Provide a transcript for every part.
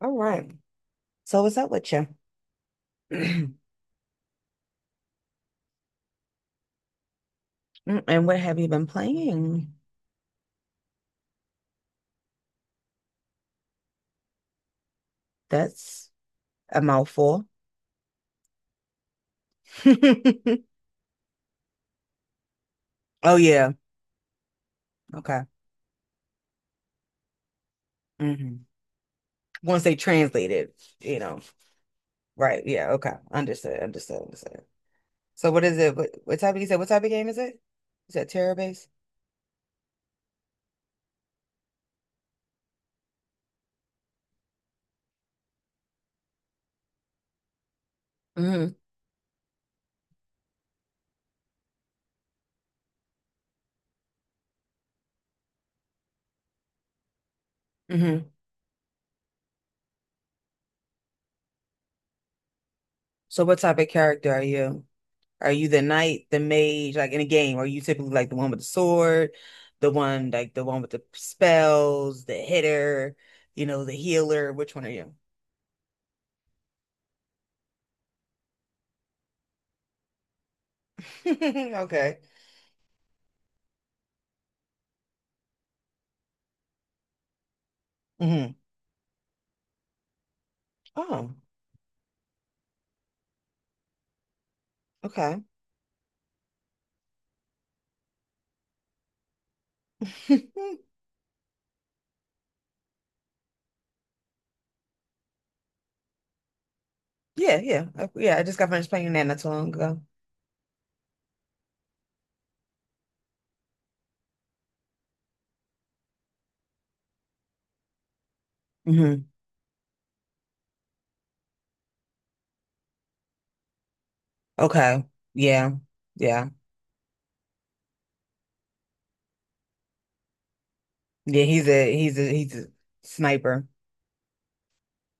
All right. So what's up with you? And what have you been playing? That's a mouthful. Oh yeah. Okay. hmm Once they translate it, you know. Right. Yeah. Okay. Understood. Understood. Understood. So what is it? What type of you said? What type of game is it? Is that terror based? Mm-hmm. hmm So what type of character are you? Are you the knight, the mage, like in a game? Are you typically like the one with the sword, the one like the one with the spells, the hitter, the healer? Which one are you? Okay. hmm Oh, okay. Yeah, yeah. Yeah, I just got finished playing that not too long ago. hmm Okay. Yeah. Yeah. Yeah, he's a sniper.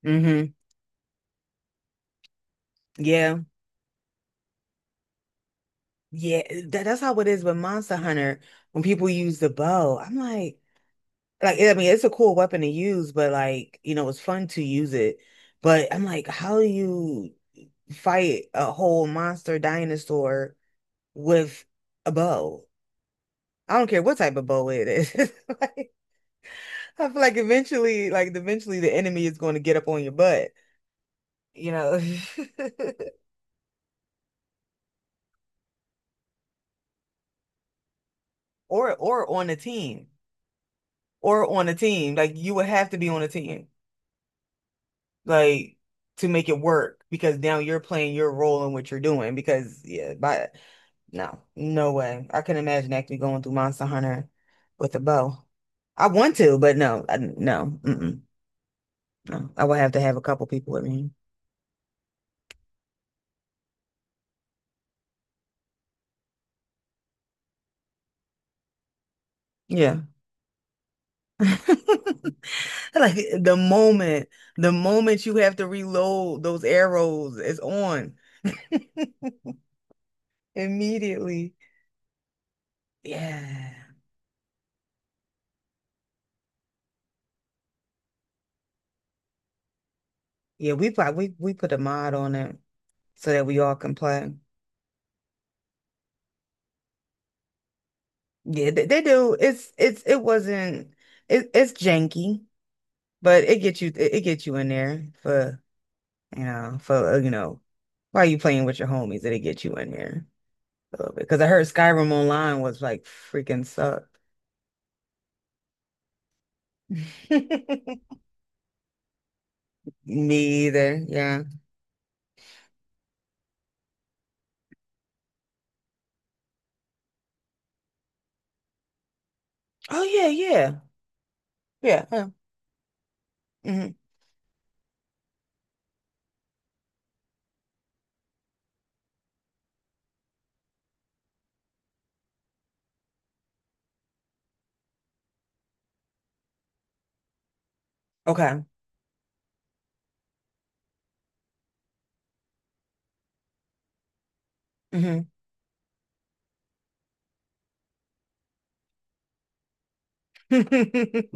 hmm Yeah. Yeah. That, that's how it is with Monster Hunter when people use the bow. I'm like I mean it's a cool weapon to use, but like, it's fun to use it. But I'm like, how do you fight a whole monster dinosaur with a bow? I don't care what type of bow it is. Like, I feel like eventually the enemy is going to get up on your butt, you know. Or on a team. Or on a team. Like you would have to be on a team. Like to make it work because now you're playing your role in what you're doing because yeah, by no, no way. I couldn't imagine actually going through Monster Hunter with a bow. I want to, but no, I, no, mm-mm, no. I would have to have a couple people with me. Yeah. Like the moment, the moment you have to reload those arrows is on immediately. Yeah. Yeah, we probably we put a mod on it, so that we all can play. Yeah, they do. It's it wasn't it's janky, but it gets you it gets you in there for you know for uh, you know while you playing with your homies, it'll get you in there a little bit. Because I heard Skyrim Online was like freaking suck. Me either. Yeah. Oh yeah, yeah, yeah, yeah. hmm Okay. hmm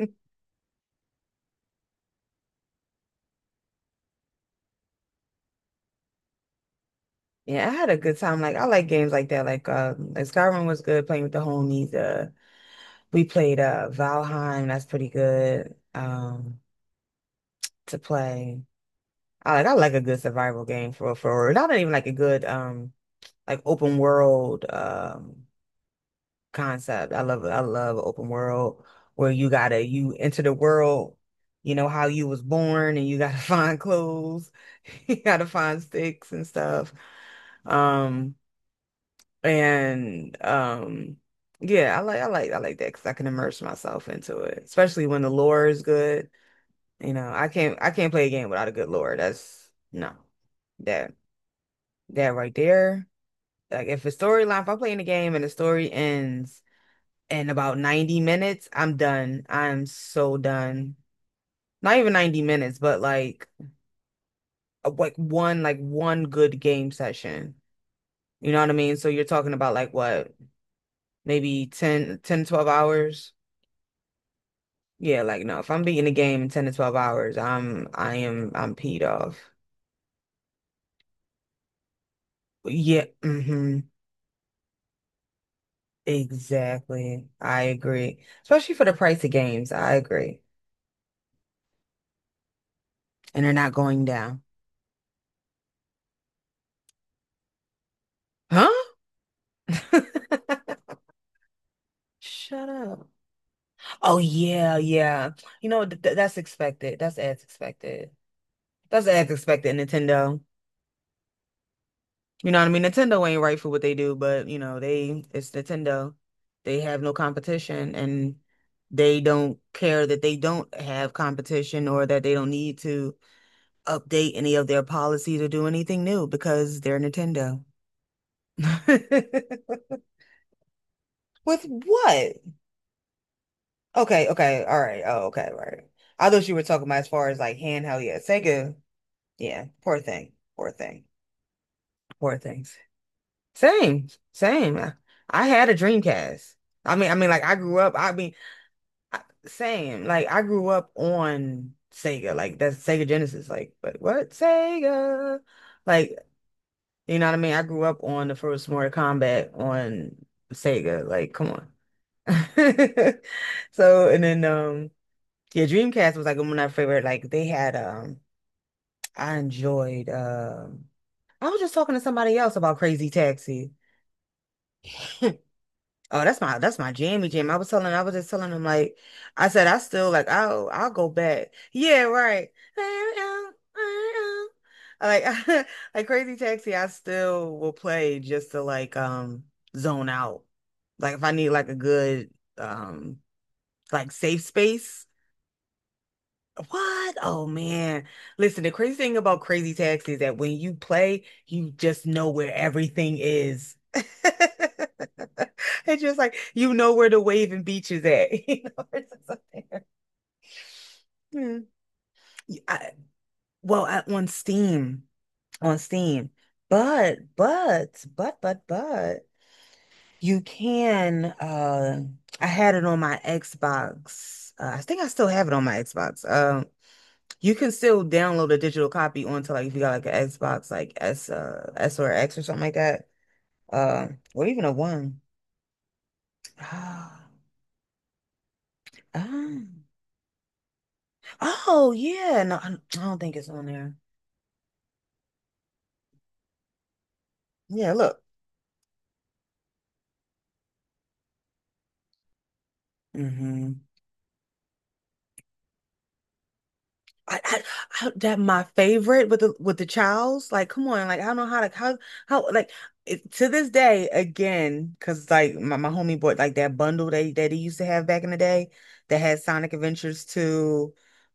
Yeah, I had a good time. Like I like games like that. Like Skyrim was good playing with the homies. We played Valheim, that's pretty good to play. I like a good survival game for not even like a good like open world concept. I love open world where you enter the world, you know how you was born and you gotta find clothes, you gotta find sticks and stuff. Um and yeah, I like that because I can immerse myself into it, especially when the lore is good. You know, I can't play a game without a good lore. That's no. That that right there. Like if a storyline, if I'm playing a game and the story ends in about 90 minutes, I'm done. I'm so done. Not even 90 minutes, but like one good game session. You know what I mean? So you're talking about like what, maybe 12 hours? Yeah, like no, if I'm beating a game in 10 to 12 hours, I am I'm peed off. Yeah, exactly. I agree. Especially for the price of games. I agree. And they're not going down. Huh? Shut up. Oh yeah, yeah. You know that's expected. That's as expected. That's as expected, Nintendo. You know what I mean? Nintendo ain't right for what they do, but you know, they it's Nintendo. They have no competition and they don't care that they don't have competition or that they don't need to update any of their policies or do anything new because they're Nintendo. With what? Okay, okay, all right. Oh, okay, right. I thought you were talking about as far as like handheld. Yeah, Sega. Yeah, poor thing. Poor thing. Poor things. Same, same. I had a Dreamcast. Like I grew up. I, same. Like I grew up on Sega. Like that's Sega Genesis. Like, but what Sega? Like, you know what I mean? I grew up on the first Mortal Kombat on Sega. Like, come on. So and then yeah, Dreamcast was like one of my favorite. Like they had I enjoyed um I was just talking to somebody else about Crazy Taxi. Oh, that's my jammy jam. I was just telling him like I said I still like I'll go back. Yeah, right. Like like Crazy Taxi, I still will play just to like zone out. Like if I need like a good like safe space. What? Oh man. Listen, the crazy thing about Crazy Taxi is that when you play, you just know where everything is. It's just like you know where the waving beach is at. You know, it's just up there. Hmm. I, on Steam, on Steam. But, but, but, but, but, you can. I had it on my Xbox. I think I still have it on my Xbox. You can still download a digital copy onto like if you got like an Xbox like S or X or something like that. Uh, or even a one. Ah, ah. Oh yeah, no, I don't think it's on there. Yeah, look. hmm I, I, I that my favorite with the child's like come on like I don't know how to how how like it, to this day again because like my homie bought like that bundle they that he used to have back in the day that had Sonic Adventures 2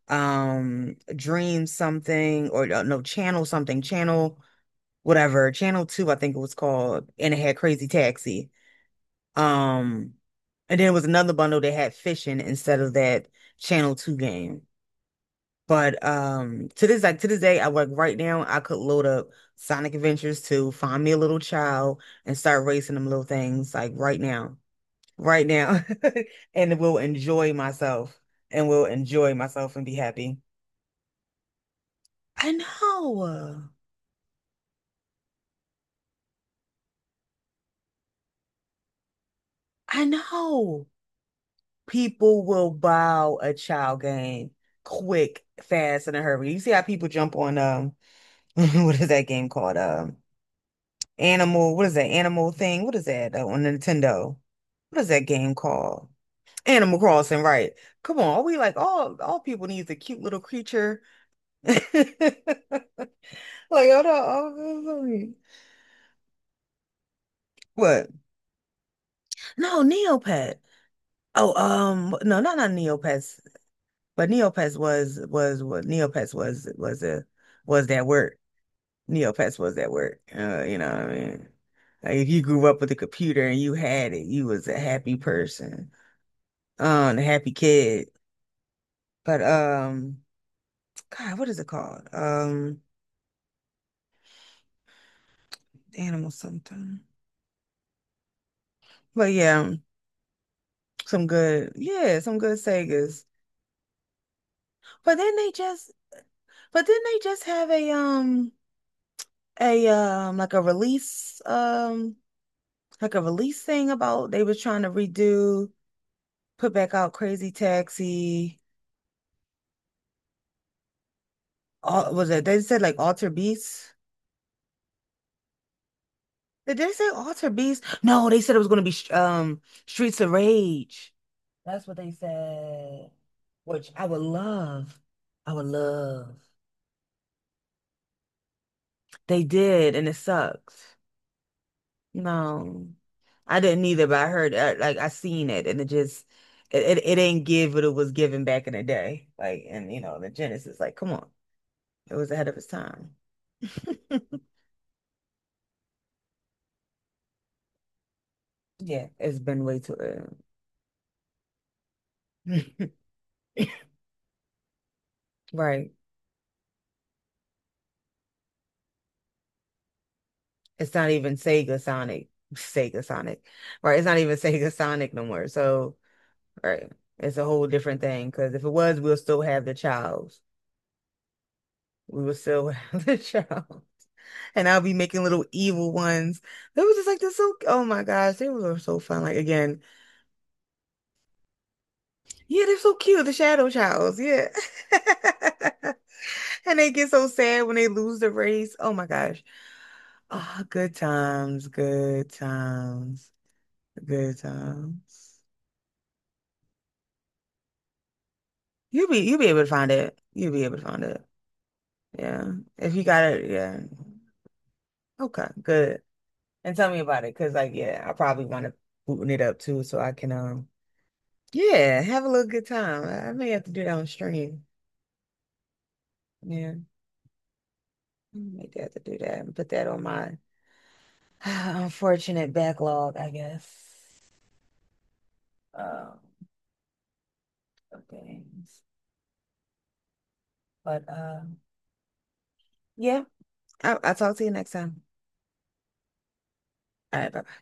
Dream something or no Channel something Channel whatever Channel 2 I think it was called and it had Crazy Taxi um and then it was another bundle that had fishing instead of that Channel 2 game but to this like to this day, I work right now. I could load up Sonic Adventures to find me a little child and start racing them little things like right now. Right now. And will enjoy myself and will enjoy myself and be happy. I know. I know. People will buy a child game quick, fast, in a hurry. You see how people jump on what is that game called? Animal. What is that animal thing? What is that on Nintendo? What is that game called? Animal Crossing, right? Come on, are we like all people needs a cute little creature? Like, hold on, what? No, Neopet. Oh, no, not Neopets, but Neopets was a was that word. Neopets was that word. You know what I mean? Like if you grew up with a computer and you had it, you was a happy person. The happy kid. But God, what is it called? Animal something. But yeah, some good Segas. But then they just, but then they just have a a um, like a release um, like a release thing about they was trying to redo, put back out Crazy Taxi. All was it? They said like Alter beats. Did they say Alter Beast? No, they said it was going to be Streets of Rage. That's what they said, which I would love. I would love. They did, and it sucks. No, I didn't either, but I heard like I seen it, and it just it ain't give what it was given back in the day. Like, and you know, the Genesis, like, come on, it was ahead of its time. Yeah, it's been way too early. Right. it's not even Sega Sonic, Sega Sonic, right? It's not even Sega Sonic no more. So, right, it's a whole different thing because if it was, we'll still have the child. We will still have the child, and I'll be making little evil ones. They were just like they're so. Oh my gosh, they were so fun. Like again, yeah, they're so cute. The shadow childs, yeah. And they get so sad when they lose the race. Oh my gosh. Ah, oh, good times, good times, good times. You'll be able to find it. You'll be able to find it. Yeah. If you got it, yeah. Okay, good. And tell me about it, because like, yeah, I probably want to booting it up too, so I can yeah, have a little good time. I may have to do that on stream. Yeah. I may have to do that and put that on my unfortunate backlog, I guess. Um, of things. But yeah, I'll talk to you next time. All right, bye.